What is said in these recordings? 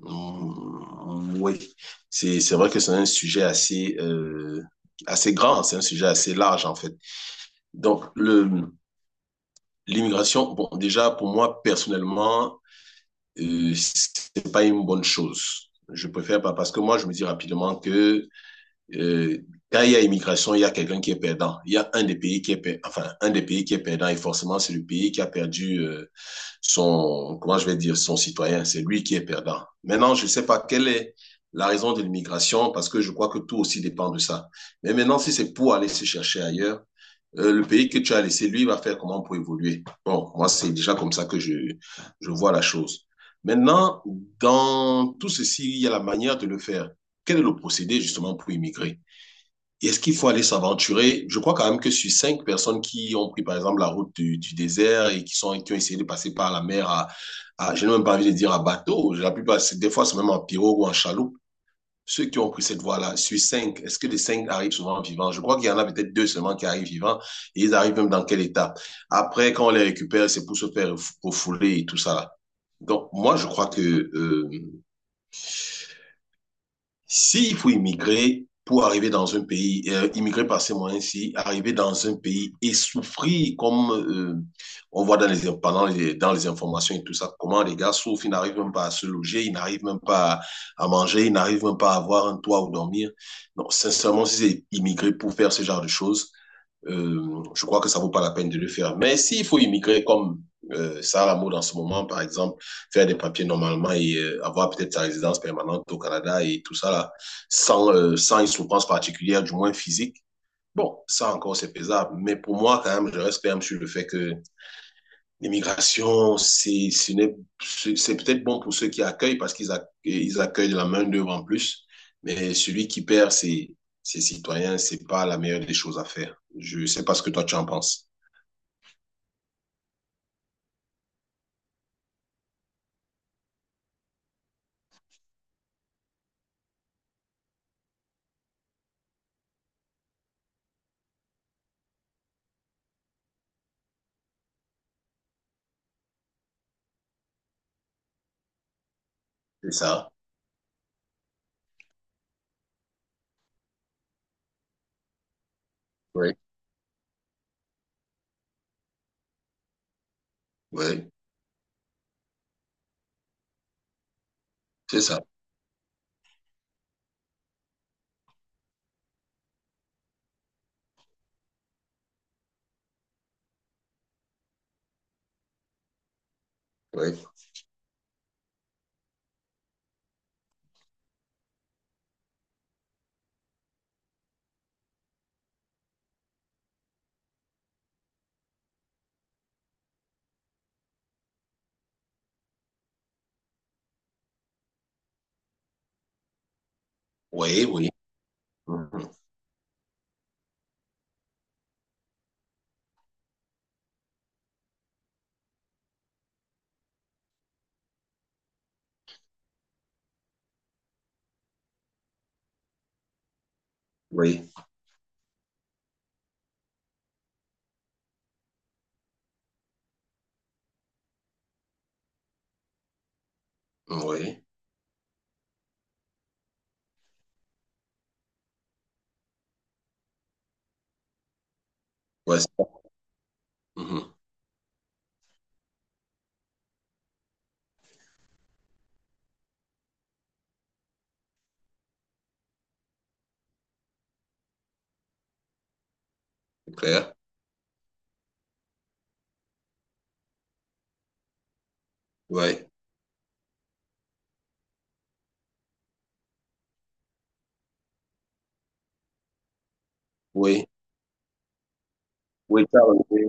Mm, oui, c'est vrai que c'est un sujet assez assez grand, c'est un sujet assez large en fait. Donc le l'immigration, bon déjà pour moi personnellement, c'est pas une bonne chose. Je préfère pas parce que moi je me dis rapidement que euh, quand il y a immigration, il y a quelqu'un qui est perdant. Il y a un des pays qui est enfin un des pays qui est perdant et forcément c'est le pays qui a perdu son, comment je vais dire, son citoyen. C'est lui qui est perdant. Maintenant, je ne sais pas quelle est la raison de l'immigration, parce que je crois que tout aussi dépend de ça. Mais maintenant, si c'est pour aller se chercher ailleurs, le pays que tu as laissé, lui, va faire comment pour évoluer. Bon, moi, c'est déjà comme ça que je vois la chose. Maintenant, dans tout ceci, il y a la manière de le faire. Quel est le procédé justement pour immigrer, est-ce qu'il faut aller s'aventurer? Je crois quand même que sur cinq personnes qui ont pris, par exemple, la route du désert et qui ont essayé de passer par la mer je n'ai même pas envie de dire à bateau, la plupart, des fois, c'est même en pirogue ou en chaloupe. Ceux qui ont pris cette voie-là, sur cinq, est-ce que les cinq arrivent souvent vivants? Je crois qu'il y en a peut-être deux seulement qui arrivent vivants, et ils arrivent même dans quel état? Après, quand on les récupère, c'est pour se faire refouler et tout ça là. Donc, moi, je crois que, s'il faut immigrer pour arriver dans un pays, immigrer par ces moyens-ci, arriver dans un pays et souffrir comme on voit dans les informations et tout ça, comment les gars souffrent, ils n'arrivent même pas à se loger, ils n'arrivent même pas à manger, ils n'arrivent même pas à avoir un toit où dormir. Non, sincèrement, si c'est immigrer pour faire ce genre de choses, je crois que ça vaut pas la peine de le faire. Mais s'il faut immigrer comme Sarah Maud en ce moment, par exemple, faire des papiers normalement et avoir peut-être sa résidence permanente au Canada et tout ça, là, sans une souffrance particulière, du moins physique, bon, ça encore, c'est pesable. Mais pour moi, quand même, je reste quand même sur le fait que l'immigration, c'est peut-être bon pour ceux qui accueillent parce qu'ils accue- ils accueillent de la main-d'œuvre en plus, mais celui qui perd ses citoyens, c'est pas la meilleure des choses à faire. Je ne sais pas ce que toi tu en penses. C'est ça? Oui. Oui, c'est ça. Oui. Oui, oui. Mhm. Oui, oui. Ouais, c'est ça. Mhm. C'est clair. Oui, oui. Oui, tu as relevé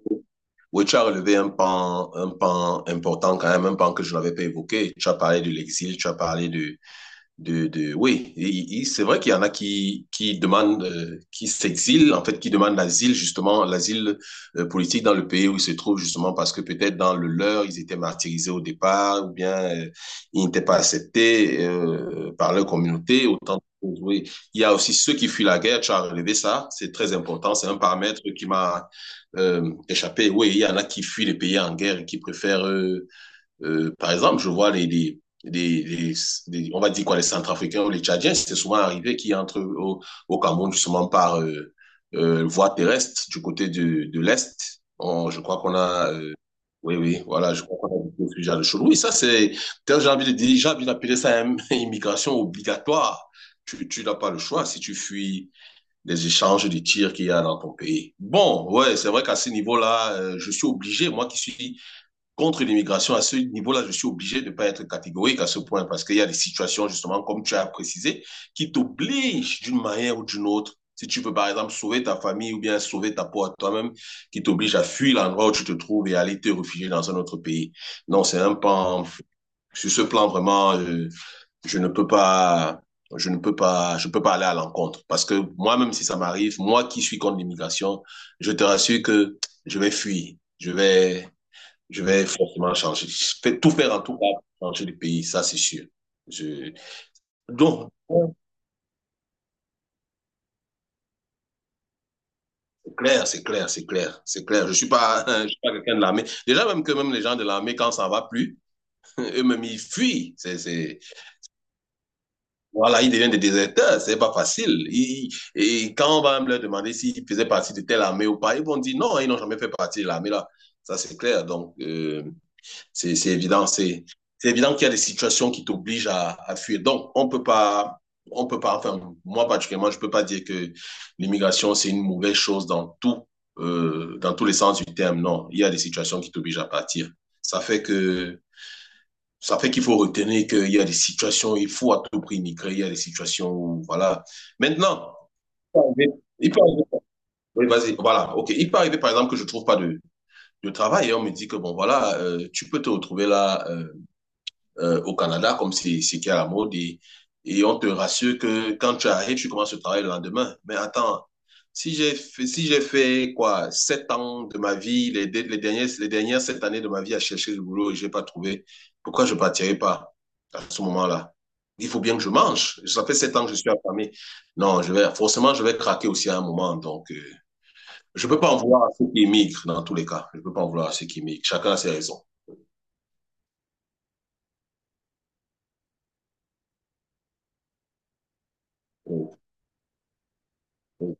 oui, tu as relevé un pan important quand même, un pan que je n'avais pas évoqué. Tu as parlé de l'exil, tu as parlé de oui, et c'est vrai qu'il y en a qui demandent, qui s'exilent, en fait, qui demandent l'asile, justement, l'asile politique dans le pays où ils se trouvent, justement, parce que peut-être dans le leur, ils étaient martyrisés au départ, ou bien ils n'étaient pas acceptés par leur communauté, autant de choses, oui. Il y a aussi ceux qui fuient la guerre, tu as relevé ça, c'est très important, c'est un paramètre qui m'a échappé. Oui, il y en a qui fuient les pays en guerre et qui préfèrent par exemple, je vois on va dire quoi, les Centrafricains ou les Tchadiens, c'est souvent arrivé qu'ils entrent au Cameroun justement par voie terrestre du côté de l'Est. Je crois qu'on a, oui, oui, voilà, je crois qu'on a beaucoup de genre de choses. Oui, ça, c'est, tel, j'ai envie d'appeler ça une immigration obligatoire. Tu n'as pas le choix si tu fuis les échanges de tirs qu'il y a dans ton pays. Bon, ouais, c'est vrai qu'à ce niveau-là, je suis obligé, moi qui suis contre l'immigration, à ce niveau-là, je suis obligé de ne pas être catégorique à ce point parce qu'il y a des situations, justement, comme tu as précisé, qui t'obligent d'une manière ou d'une autre. Si tu veux, par exemple, sauver ta famille ou bien sauver ta peau à toi-même, qui t'obligent à fuir l'endroit où tu te trouves et à aller te réfugier dans un autre pays. Non, c'est un pan, sur ce plan, vraiment, je ne peux pas, je peux pas aller à l'encontre. Parce que moi, même si ça m'arrive, moi qui suis contre l'immigration, je te rassure que je vais fuir. Je vais forcément changer. Je fais tout faire en tout cas pour changer le pays, ça c'est sûr. Je... Donc, bon, c'est clair, c'est clair, c'est clair, c'est clair. Je ne suis pas, je suis pas quelqu'un de l'armée. Déjà, même que même les gens de l'armée, quand ça ne va plus, eux-mêmes, ils fuient. C'est... Voilà, ils deviennent des déserteurs, c'est pas facile. Ils... et quand on va leur demander s'ils faisaient partie de telle armée ou pas, ils vont dire non, ils n'ont jamais fait partie de l'armée là. Ça, c'est clair. Donc, C'est évident. C'est évident qu'il y a des situations qui t'obligent fuir. Donc, on peut pas, enfin, moi particulièrement, je peux pas dire que l'immigration, c'est une mauvaise chose dans tout, dans tous les sens du terme. Non, il y a des situations qui t'obligent à partir. Ça fait que Ça fait qu'il faut retenir qu'il y a des situations où il faut à tout prix migrer, il y a des situations où, voilà. Maintenant, il peut arriver, oui, vas-y, voilà, ok. Il peut arriver, par exemple, que je trouve pas de travail et on me dit que, bon, voilà, tu peux te retrouver là, au Canada, comme c'est qui est à la mode, et on te rassure que quand tu arrives, tu commences le travail le lendemain. Mais attends, si j'ai fait quoi, 7 ans de ma vie, les dernières 7 années de ma vie à chercher du boulot et j'ai pas trouvé, pourquoi je partirais pas à ce moment-là? Il faut bien que je mange. Ça fait 7 ans que je suis affamé. Non, je vais, forcément, je vais craquer aussi à un moment. Donc, je ne peux pas en vouloir à ceux qui émigrent dans tous les cas. Je ne peux pas en vouloir à ceux qui émigrent. Chacun a ses raisons. Oui, oui.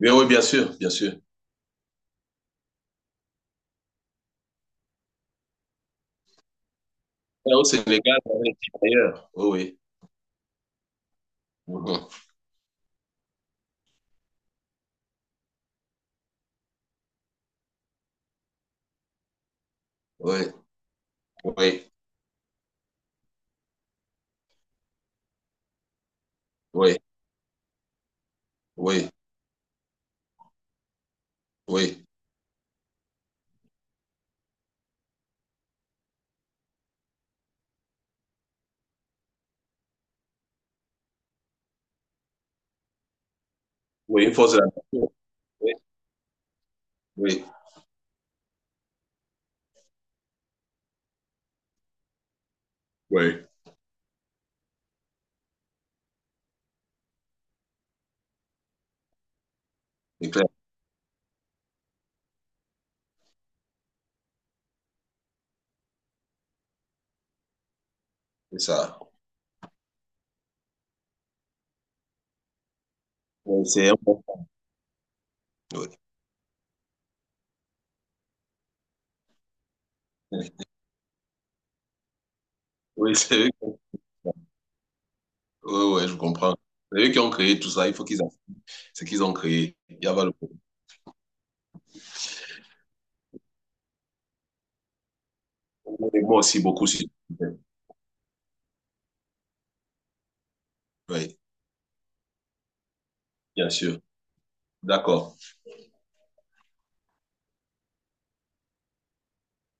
Oui, oui, bien sûr, bien sûr. Ouais, au Sénégal, on avait dit d'ailleurs. Oui, oui. Mhm. Oui, oui, oui, oui, oui. Oui, une force de la nature. Oui, oui, oui. C'est clair, c'est ça. Oui, c'est un bon. Oui, oui, c'est eux qui... Oui, oui, je comprends. C'est eux qui ont créé tout ça. Il faut qu'ils en... C'est qu'ils ont créé. Il y avait le problème. Moi aussi, beaucoup. Oui, bien sûr. D'accord.